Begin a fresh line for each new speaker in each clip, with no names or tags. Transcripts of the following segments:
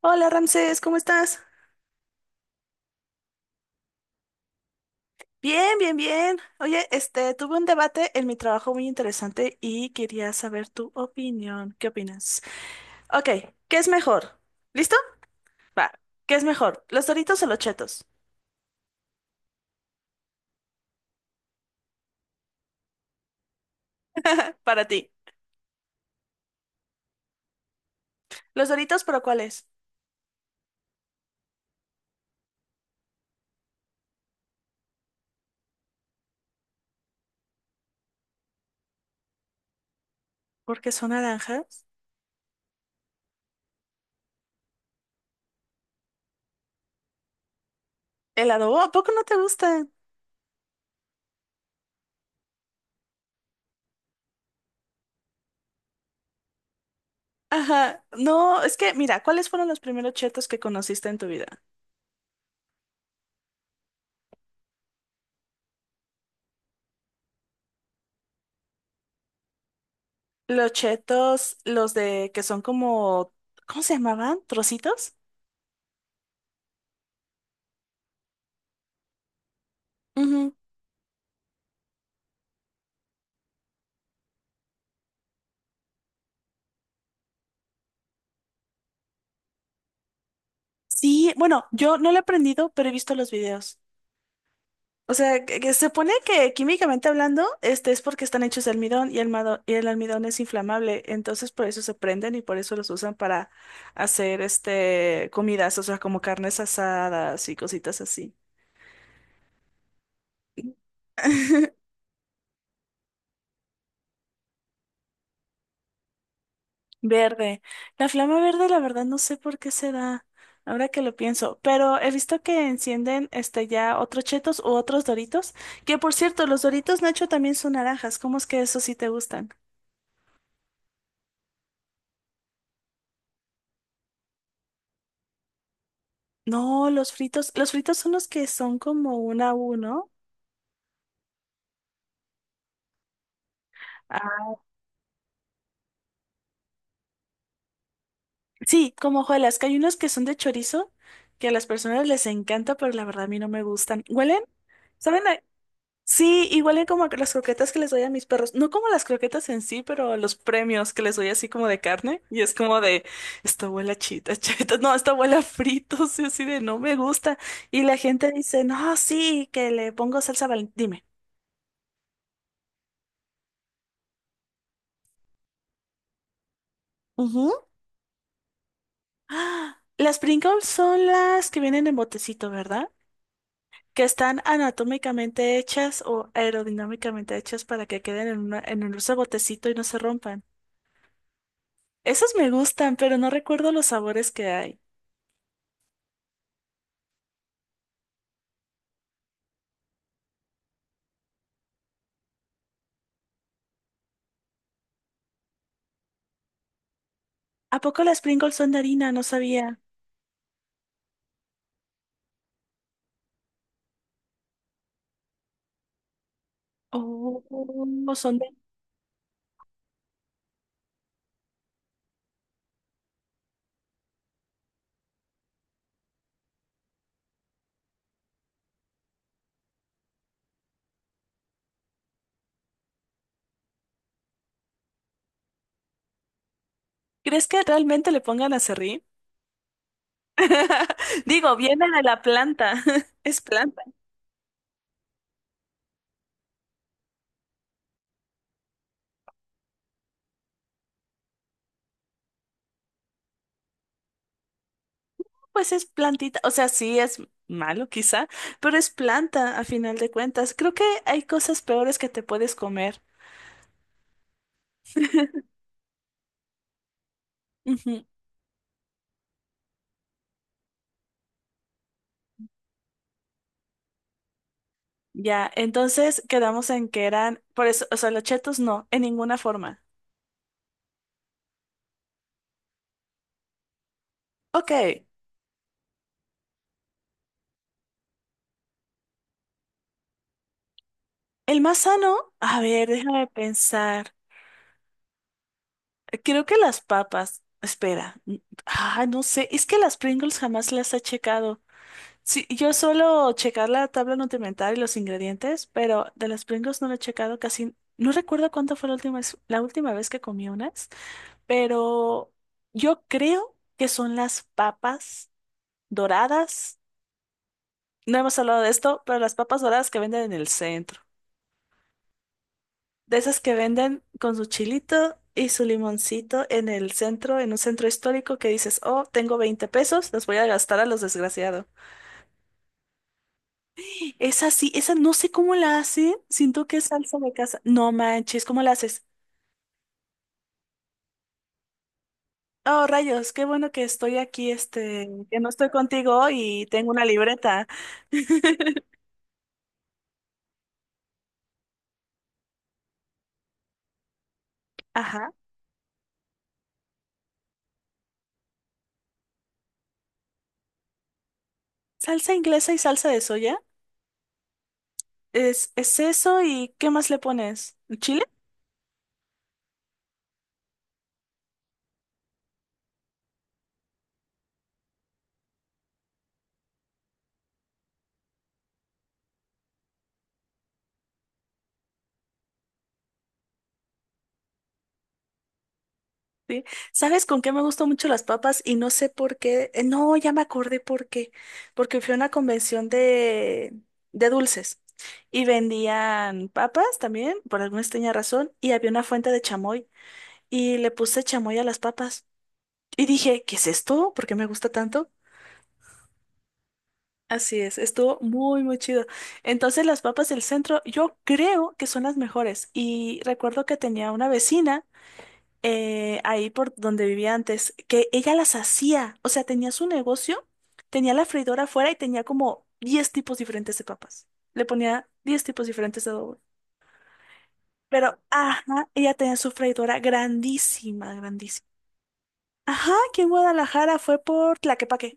Hola Ramsés, ¿cómo estás? Bien, bien, bien. Oye, tuve un debate en mi trabajo muy interesante y quería saber tu opinión. ¿Qué opinas? Ok, ¿qué es mejor? ¿Listo? Va. ¿Qué es mejor? ¿Los Doritos o los Chetos? Para ti. ¿Los Doritos, pero cuáles? Porque son naranjas. ¿Helado? Oh, ¿a poco no te gustan? Ajá. No, es que, mira, ¿cuáles fueron los primeros Chetos que conociste en tu vida? Los Chetos, los de que son como, ¿cómo se llamaban? ¿Trocitos? Ujú. Sí, bueno, yo no lo he aprendido, pero he visto los videos. O sea, que se supone que químicamente hablando, es porque están hechos de almidón y y el almidón es inflamable, entonces por eso se prenden y por eso los usan para hacer comidas, o sea, como carnes asadas y cositas así. Verde. La flama verde, la verdad, no sé por qué se da, ahora que lo pienso, pero he visto que encienden ya otros chetos u otros doritos, que por cierto, los doritos Nacho también son naranjas, ¿cómo es que esos sí te gustan? No, los fritos son los que son como una U, ¿no? Ah, sí, como hojuelas, que hay unos que son de chorizo, que a las personas les encanta, pero la verdad a mí no me gustan. ¿Huelen? ¿Saben? Sí, igual en como las croquetas que les doy a mis perros. No como las croquetas en sí, pero los premios que les doy así como de carne. Y es como de, esta abuela chita, cheta, no, esta abuela fritos, y así de, no me gusta. Y la gente dice, no, sí, que le pongo salsa Valentina. Dime. Ujú. ¡Ah! Las Pringles son las que vienen en botecito, ¿verdad? Que están anatómicamente hechas o aerodinámicamente hechas para que queden en un dulce botecito y no se rompan. Esos me gustan, pero no recuerdo los sabores que hay. ¿A poco las Pringles son de harina? No sabía. Oh, no son de... ¿Crees que realmente le pongan aserrín? Digo, viene de la planta. Es planta. Pues es plantita. O sea, sí es malo quizá, pero es planta a final de cuentas. Creo que hay cosas peores que te puedes comer. Ujú. Ya, entonces quedamos en que eran... Por eso, o sea, los chetos no, en ninguna forma. Ok. El más sano, a ver, déjame pensar. Creo que las papas, espera, ah, no sé, es que las Pringles jamás las he checado. Sí, yo suelo checar la tabla nutrimental y los ingredientes, pero de las Pringles no lo he checado casi. No recuerdo cuánto fue la última vez que comí unas, pero yo creo que son las papas doradas. No hemos hablado de esto, pero las papas doradas que venden en el centro. De esas que venden con su chilito y su limoncito en el centro, en un centro histórico que dices, oh, tengo 20 pesos, los voy a gastar a los desgraciados. Esa sí, esa no sé cómo la hace, siento que es salsa de casa. No manches, ¿cómo la haces? Oh, rayos, qué bueno que estoy aquí, que no estoy contigo y tengo una libreta. Ajá. Salsa inglesa y salsa de soya. Es eso y ¿qué más le pones? ¿Chile? Sí. ¿Sabes con qué me gustan mucho las papas? Y no sé por qué. No, ya me acordé por qué. Porque fui a una convención de dulces y vendían papas también, por alguna extraña razón, y había una fuente de chamoy y le puse chamoy a las papas. Y dije, ¿qué es esto? ¿Por qué me gusta tanto? Así es, estuvo muy, muy chido. Entonces las papas del centro yo creo que son las mejores. Y recuerdo que tenía una vecina. Ahí por donde vivía antes, que ella las hacía. O sea, tenía su negocio, tenía la freidora afuera y tenía como 10 tipos diferentes de papas. Le ponía 10 tipos diferentes de adobo. Pero, ajá, ella tenía su freidora grandísima, grandísima. Ajá, aquí en Guadalajara fue por Tlaquepaque,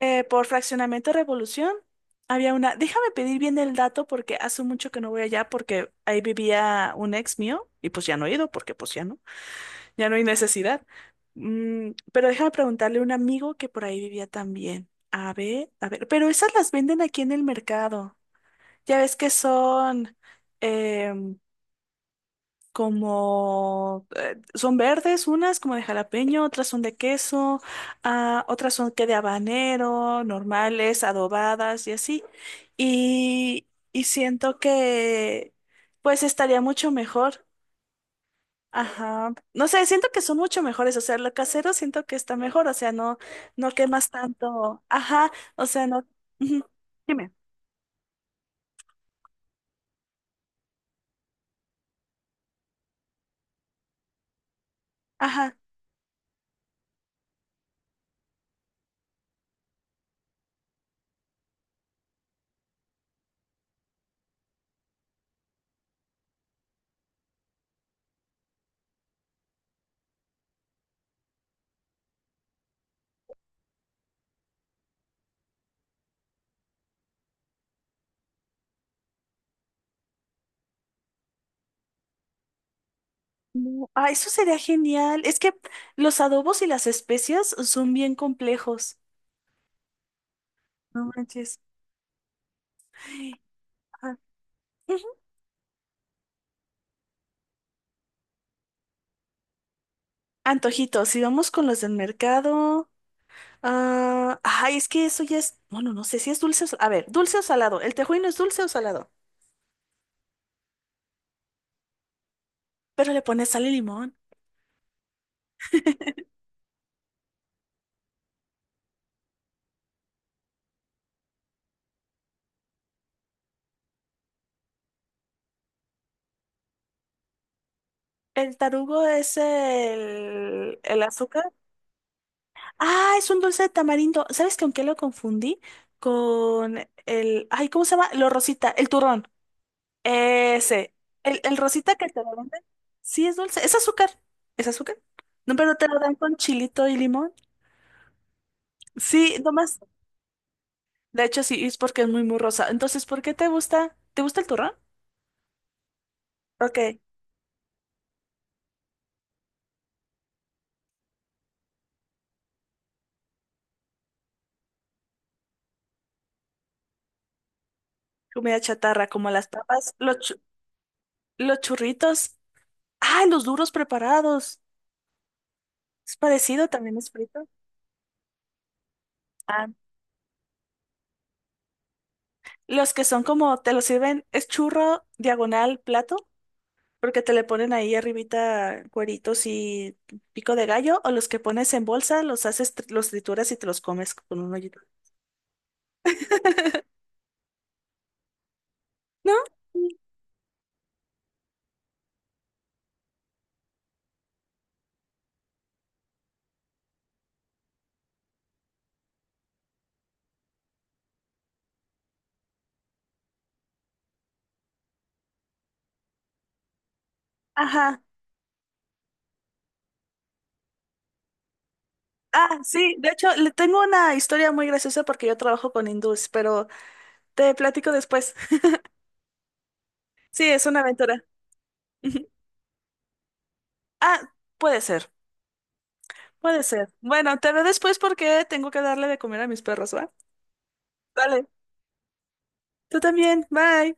por Fraccionamiento Revolución. Había una, déjame pedir bien el dato porque hace mucho que no voy allá porque ahí vivía un ex mío y pues ya no he ido porque pues ya no. Ya no hay necesidad. Pero déjame preguntarle a un amigo que por ahí vivía también. A ver, pero esas las venden aquí en el mercado. Ya ves que em, son verdes, unas como de jalapeño, otras son de queso, ah, otras son que de habanero, normales, adobadas y así. Y siento que pues estaría mucho mejor. Ajá. No sé, siento que son mucho mejores, o sea, lo casero siento que está mejor, o sea, no, no quemas tanto. Ajá, o sea, no. Ujú. Dime. Ajá. No, ah, eso sería genial. Es que los adobos y las especias son bien complejos. No manches. Ay, ajá. Ujú. Antojitos, si vamos con los del mercado. Ah, ay, es que eso ya es. Bueno, no sé si es dulce o a ver, dulce o salado. ¿El tejuino es dulce o salado? Pero le pones sal y limón. El tarugo es el azúcar. Ah, es un dulce de tamarindo. ¿Sabes con qué lo confundí? Con el... Ay, ¿cómo se llama? Lo rosita, el turrón. Ese. El rosita que te lo venden. Sí, es dulce. Es azúcar. ¿Es azúcar? No, pero te lo dan con chilito y limón. Sí, nomás. De hecho, sí, es porque es muy, muy rosa. Entonces, ¿por qué te gusta? ¿Te gusta el turrón? Ok. Comida chatarra, como las papas, los churritos. Ah, los duros preparados. Es parecido, también es frito. Ah, los que son como, te lo sirven, es churro diagonal plato, porque te le ponen ahí arribita cueritos y pico de gallo, o los que pones en bolsa, los haces, los trituras y te los comes con un hoyito. ¿No? Sí. Ajá. Ah, sí, de hecho, le tengo una historia muy graciosa porque yo trabajo con hindús, pero te platico después. Sí, es una aventura. Ujú. Ah, puede ser, puede ser. Bueno, te veo después porque tengo que darle de comer a mis perros, ¿va? Dale. Tú también, bye.